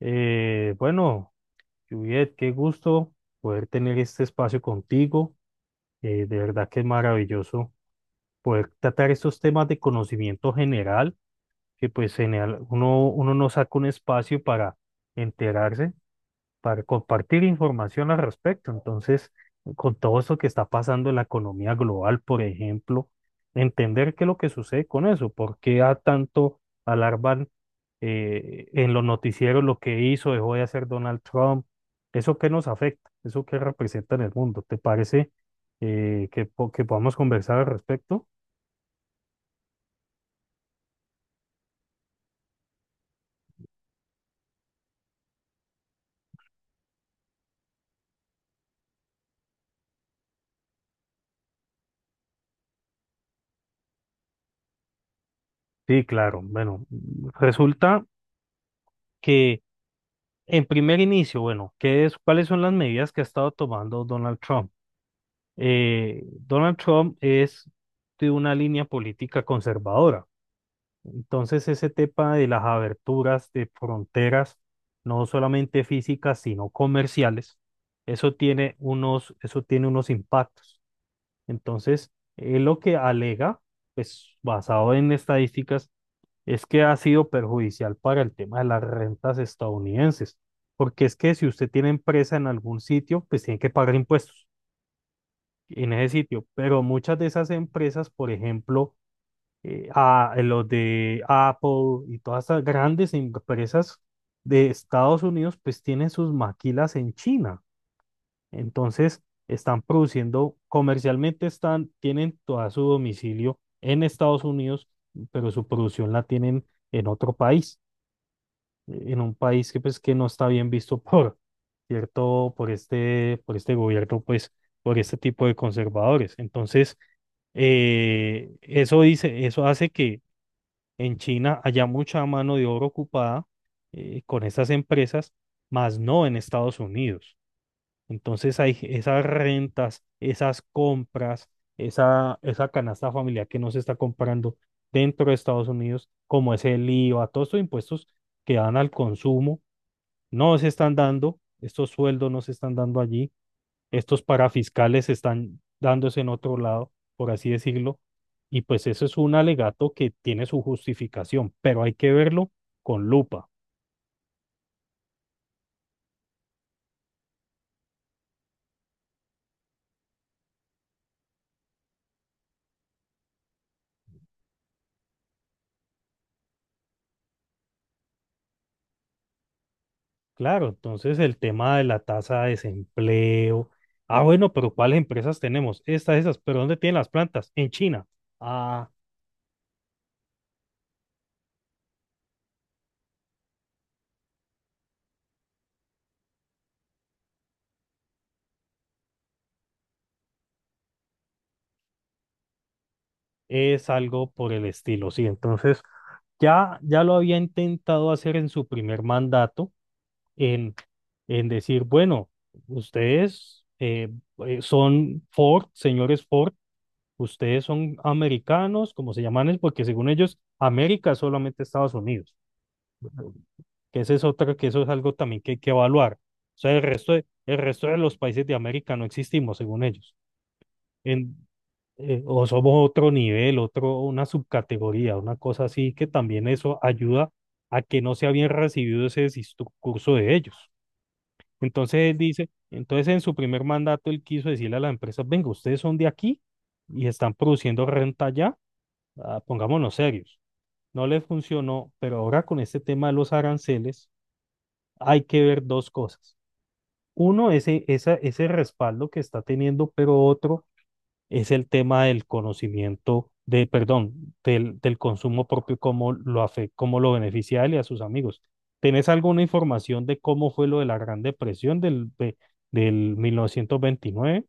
Bueno, Juliet, qué gusto poder tener este espacio contigo. De verdad que es maravilloso poder tratar estos temas de conocimiento general, que pues uno no saca un espacio para enterarse para compartir información al respecto. Entonces, con todo eso que está pasando en la economía global, por ejemplo, entender qué es lo que sucede con eso, por qué a tanto alarman en los noticieros lo que hizo, dejó de hacer Donald Trump, eso que nos afecta, eso que representa en el mundo. ¿Te parece que podamos conversar al respecto? Sí, claro. Bueno, resulta que en primer inicio, bueno, ¿qué es, cuáles son las medidas que ha estado tomando Donald Trump? Donald Trump es de una línea política conservadora. Entonces, ese tema de las aberturas de fronteras, no solamente físicas, sino comerciales, eso tiene unos impactos. Entonces, él lo que alega, pues basado en estadísticas, es que ha sido perjudicial para el tema de las rentas estadounidenses, porque es que si usted tiene empresa en algún sitio, pues tiene que pagar impuestos en ese sitio, pero muchas de esas empresas, por ejemplo, los de Apple y todas esas grandes empresas de Estados Unidos, pues tienen sus maquilas en China. Entonces, están produciendo, comercialmente están, tienen todo su domicilio en Estados Unidos, pero su producción la tienen en otro país, en un país que pues que no está bien visto por cierto, por este gobierno, pues por este tipo de conservadores. Entonces, eso dice, eso hace que en China haya mucha mano de obra ocupada, con estas empresas, más no en Estados Unidos. Entonces hay esas rentas, esas compras, esa canasta familiar que no se está comprando dentro de Estados Unidos, como es el IVA, todos estos impuestos que dan al consumo no se están dando, estos sueldos no se están dando allí, estos parafiscales están dándose en otro lado, por así decirlo, y pues eso es un alegato que tiene su justificación, pero hay que verlo con lupa. Claro, entonces el tema de la tasa de desempleo. Ah, bueno, pero ¿cuáles empresas tenemos? Estas, esas, pero ¿dónde tienen las plantas? En China. Ah, es algo por el estilo, sí. Entonces, ya lo había intentado hacer en su primer mandato, en, en decir, bueno, ustedes son Ford, señores Ford, ustedes son americanos, como se llaman, es porque según ellos, América es solamente Estados Unidos, que esa es otra, que eso es algo también que hay que evaluar. O sea, el resto de los países de América no existimos, según ellos. En, o somos otro nivel, una subcategoría, una cosa así, que también eso ayuda a que no sea bien recibido ese discurso de ellos. Entonces él dice, entonces en su primer mandato él quiso decirle a las empresas, venga, ustedes son de aquí y están produciendo renta allá, ah, pongámonos serios. No les funcionó, pero ahora con este tema de los aranceles hay que ver dos cosas. Uno, ese, esa, ese respaldo que está teniendo, pero otro es el tema del conocimiento, de, perdón, del, del consumo propio, cómo lo afecta, cómo lo beneficia a él y a sus amigos. ¿Tenés alguna información de cómo fue lo de la Gran Depresión del 1929?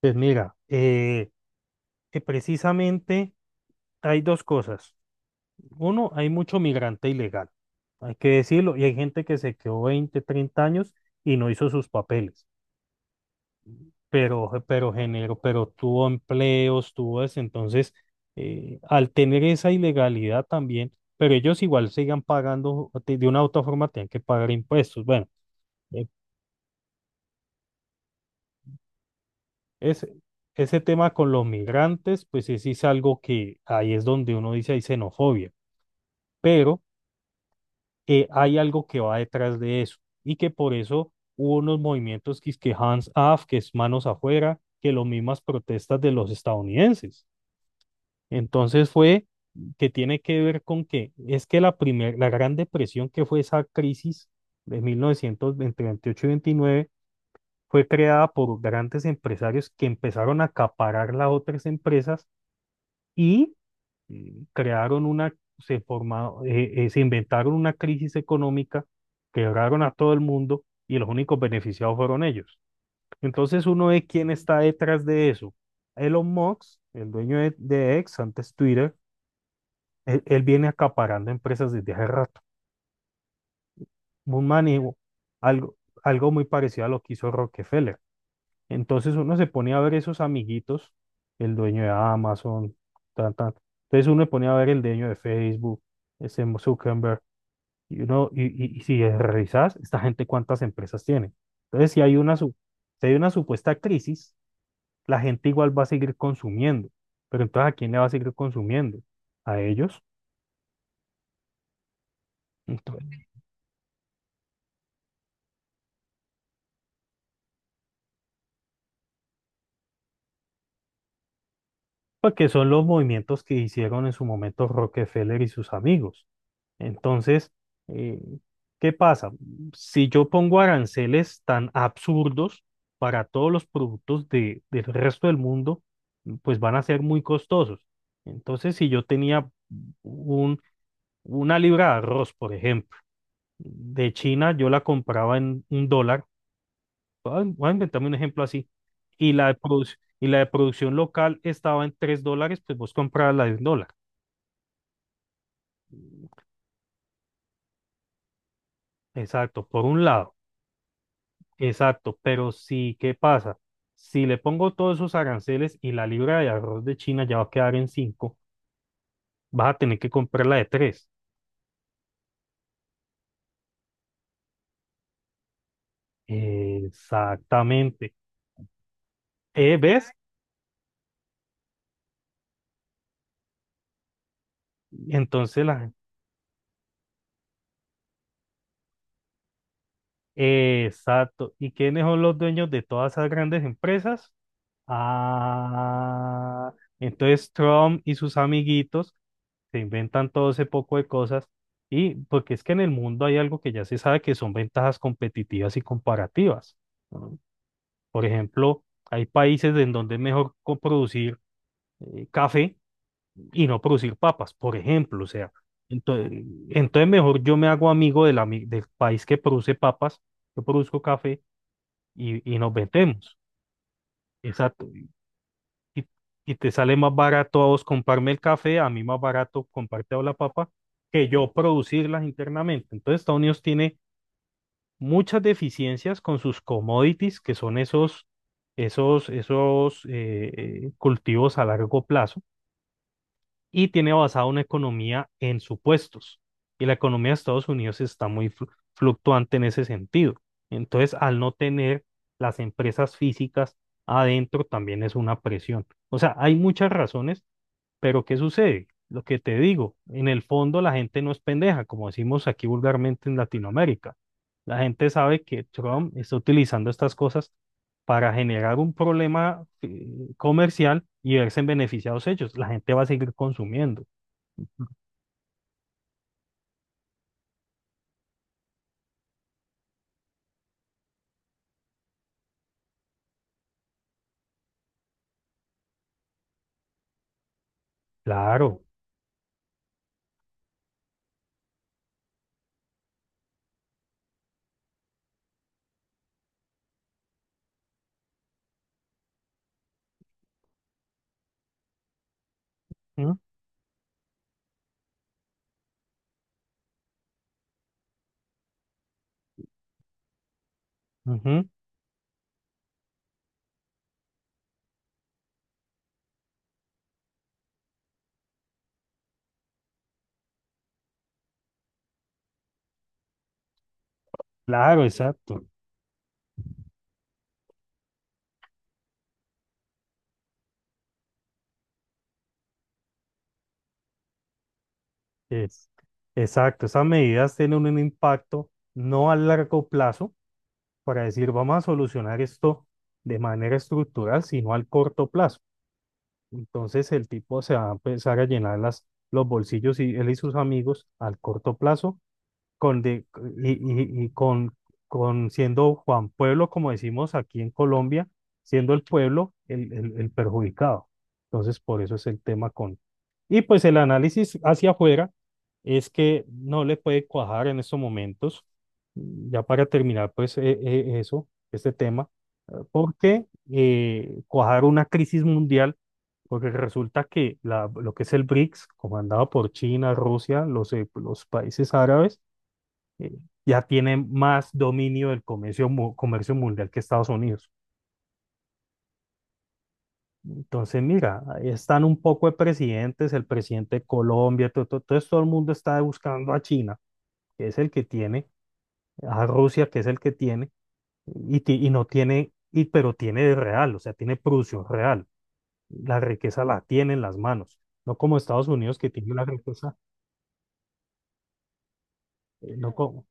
Pues mira, que precisamente hay dos cosas. Uno, hay mucho migrante ilegal, hay que decirlo, y hay gente que se quedó 20 30 años y no hizo sus papeles. Pero tuvo empleos, tuvo eso. Entonces, al tener esa ilegalidad también, pero ellos igual sigan pagando, de una u otra forma tienen que pagar impuestos. Bueno, eh, ese, ese tema con los migrantes, pues ese sí es algo que ahí es donde uno dice hay xenofobia, pero hay algo que va detrás de eso y que por eso hubo unos movimientos que es que hands off, que es manos afuera, que las mismas protestas de los estadounidenses. Entonces fue que tiene que ver con que es que la Gran Depresión, que fue esa crisis de 1900 entre 28 y 29 fue creada por grandes empresarios que empezaron a acaparar las otras empresas y, crearon una, se formaron, se inventaron una crisis económica, quebraron a todo el mundo y los únicos beneficiados fueron ellos. Entonces uno ve quién está detrás de eso. Elon Musk, el dueño de X, antes Twitter, él viene acaparando empresas desde hace rato. Un manejo, algo, algo muy parecido a lo que hizo Rockefeller. Entonces uno se pone a ver esos amiguitos, el dueño de Amazon, tan, tan. Entonces uno se pone a ver el dueño de Facebook, ese Zuckerberg, y uno, y si revisas, esta gente cuántas empresas tiene. Entonces, si hay una supuesta crisis, la gente igual va a seguir consumiendo. Pero entonces, ¿a quién le va a seguir consumiendo? ¿A ellos? Entonces, porque son los movimientos que hicieron en su momento Rockefeller y sus amigos. Entonces, eh, ¿qué pasa? Si yo pongo aranceles tan absurdos para todos los productos del resto del mundo, pues van a ser muy costosos. Entonces, si yo tenía un, una libra de arroz, por ejemplo, de China, yo la compraba en un dólar, voy a inventarme un ejemplo así, y y la de producción local estaba en 3 dólares, pues vos comprabas la de un dólar. Exacto, por un lado, exacto, pero si, ¿qué pasa? Si le pongo todos esos aranceles y la libra de arroz de China ya va a quedar en cinco, vas a tener que comprarla de tres. Exactamente. ¿Ves? Entonces la... Exacto. ¿Y quiénes son los dueños de todas esas grandes empresas? Ah, entonces Trump y sus amiguitos se inventan todo ese poco de cosas y porque es que en el mundo hay algo que ya se sabe que son ventajas competitivas y comparativas. ¿No? Por ejemplo, hay países en donde es mejor producir café y no producir papas, por ejemplo, o sea, entonces, entonces mejor yo me hago amigo del país que produce papas, yo produzco café y nos vendemos. Exacto. Y, y te sale más barato a vos comprarme el café, a mí más barato comprarte o la papa, que yo producirlas internamente. Entonces, Estados Unidos tiene muchas deficiencias con sus commodities, que son esos cultivos a largo plazo, y tiene basada una economía en supuestos. Y la economía de Estados Unidos está muy fluctuante en ese sentido. Entonces, al no tener las empresas físicas adentro, también es una presión. O sea, hay muchas razones, pero ¿qué sucede? Lo que te digo, en el fondo la gente no es pendeja, como decimos aquí vulgarmente en Latinoamérica. La gente sabe que Trump está utilizando estas cosas para generar un problema, comercial y verse beneficiados ellos. La gente va a seguir consumiendo. Claro. ¿No? Ujú. Claro, exacto. Es, exacto. Esas medidas tienen un impacto no a largo plazo para decir vamos a solucionar esto de manera estructural, sino al corto plazo. Entonces el tipo se va a empezar a llenar las, los bolsillos y él y sus amigos al corto plazo con de- y con siendo Juan Pueblo, como decimos aquí en Colombia, siendo el pueblo el perjudicado. Entonces, por eso es el tema con... Y pues el análisis hacia afuera es que no le puede cuajar en estos momentos, ya para terminar, pues eso, este tema, porque cuajar una crisis mundial, porque resulta que lo que es el BRICS, comandado por China, Rusia, los países árabes, eh, ya tiene más dominio del comercio, comercio mundial que Estados Unidos. Entonces, mira, ahí están un poco de presidentes, el presidente de Colombia, todo, todo, entonces todo el mundo está buscando a China, que es el que tiene, a Rusia, que es el que tiene, y no tiene, pero tiene de real, o sea, tiene producción real. La riqueza la tiene en las manos, no como Estados Unidos que tiene la riqueza, eh, no como,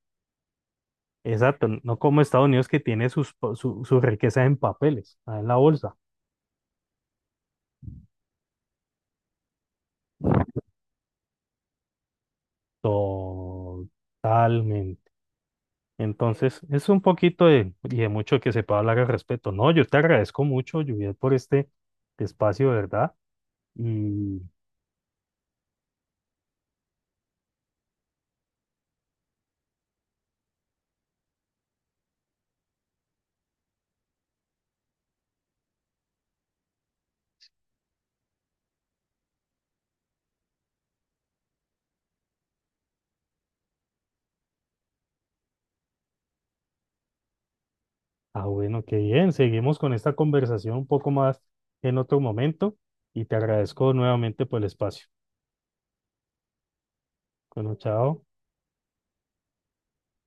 exacto, no como Estados Unidos que tiene su riqueza en papeles, en la bolsa. Totalmente. Entonces, es un poquito de, y de mucho que se pueda hablar al respecto. No, yo te agradezco mucho, Juliet, por este espacio, de ¿Verdad? Y, bueno, qué bien. Seguimos con esta conversación un poco más en otro momento y te agradezco nuevamente por el espacio. Bueno, chao.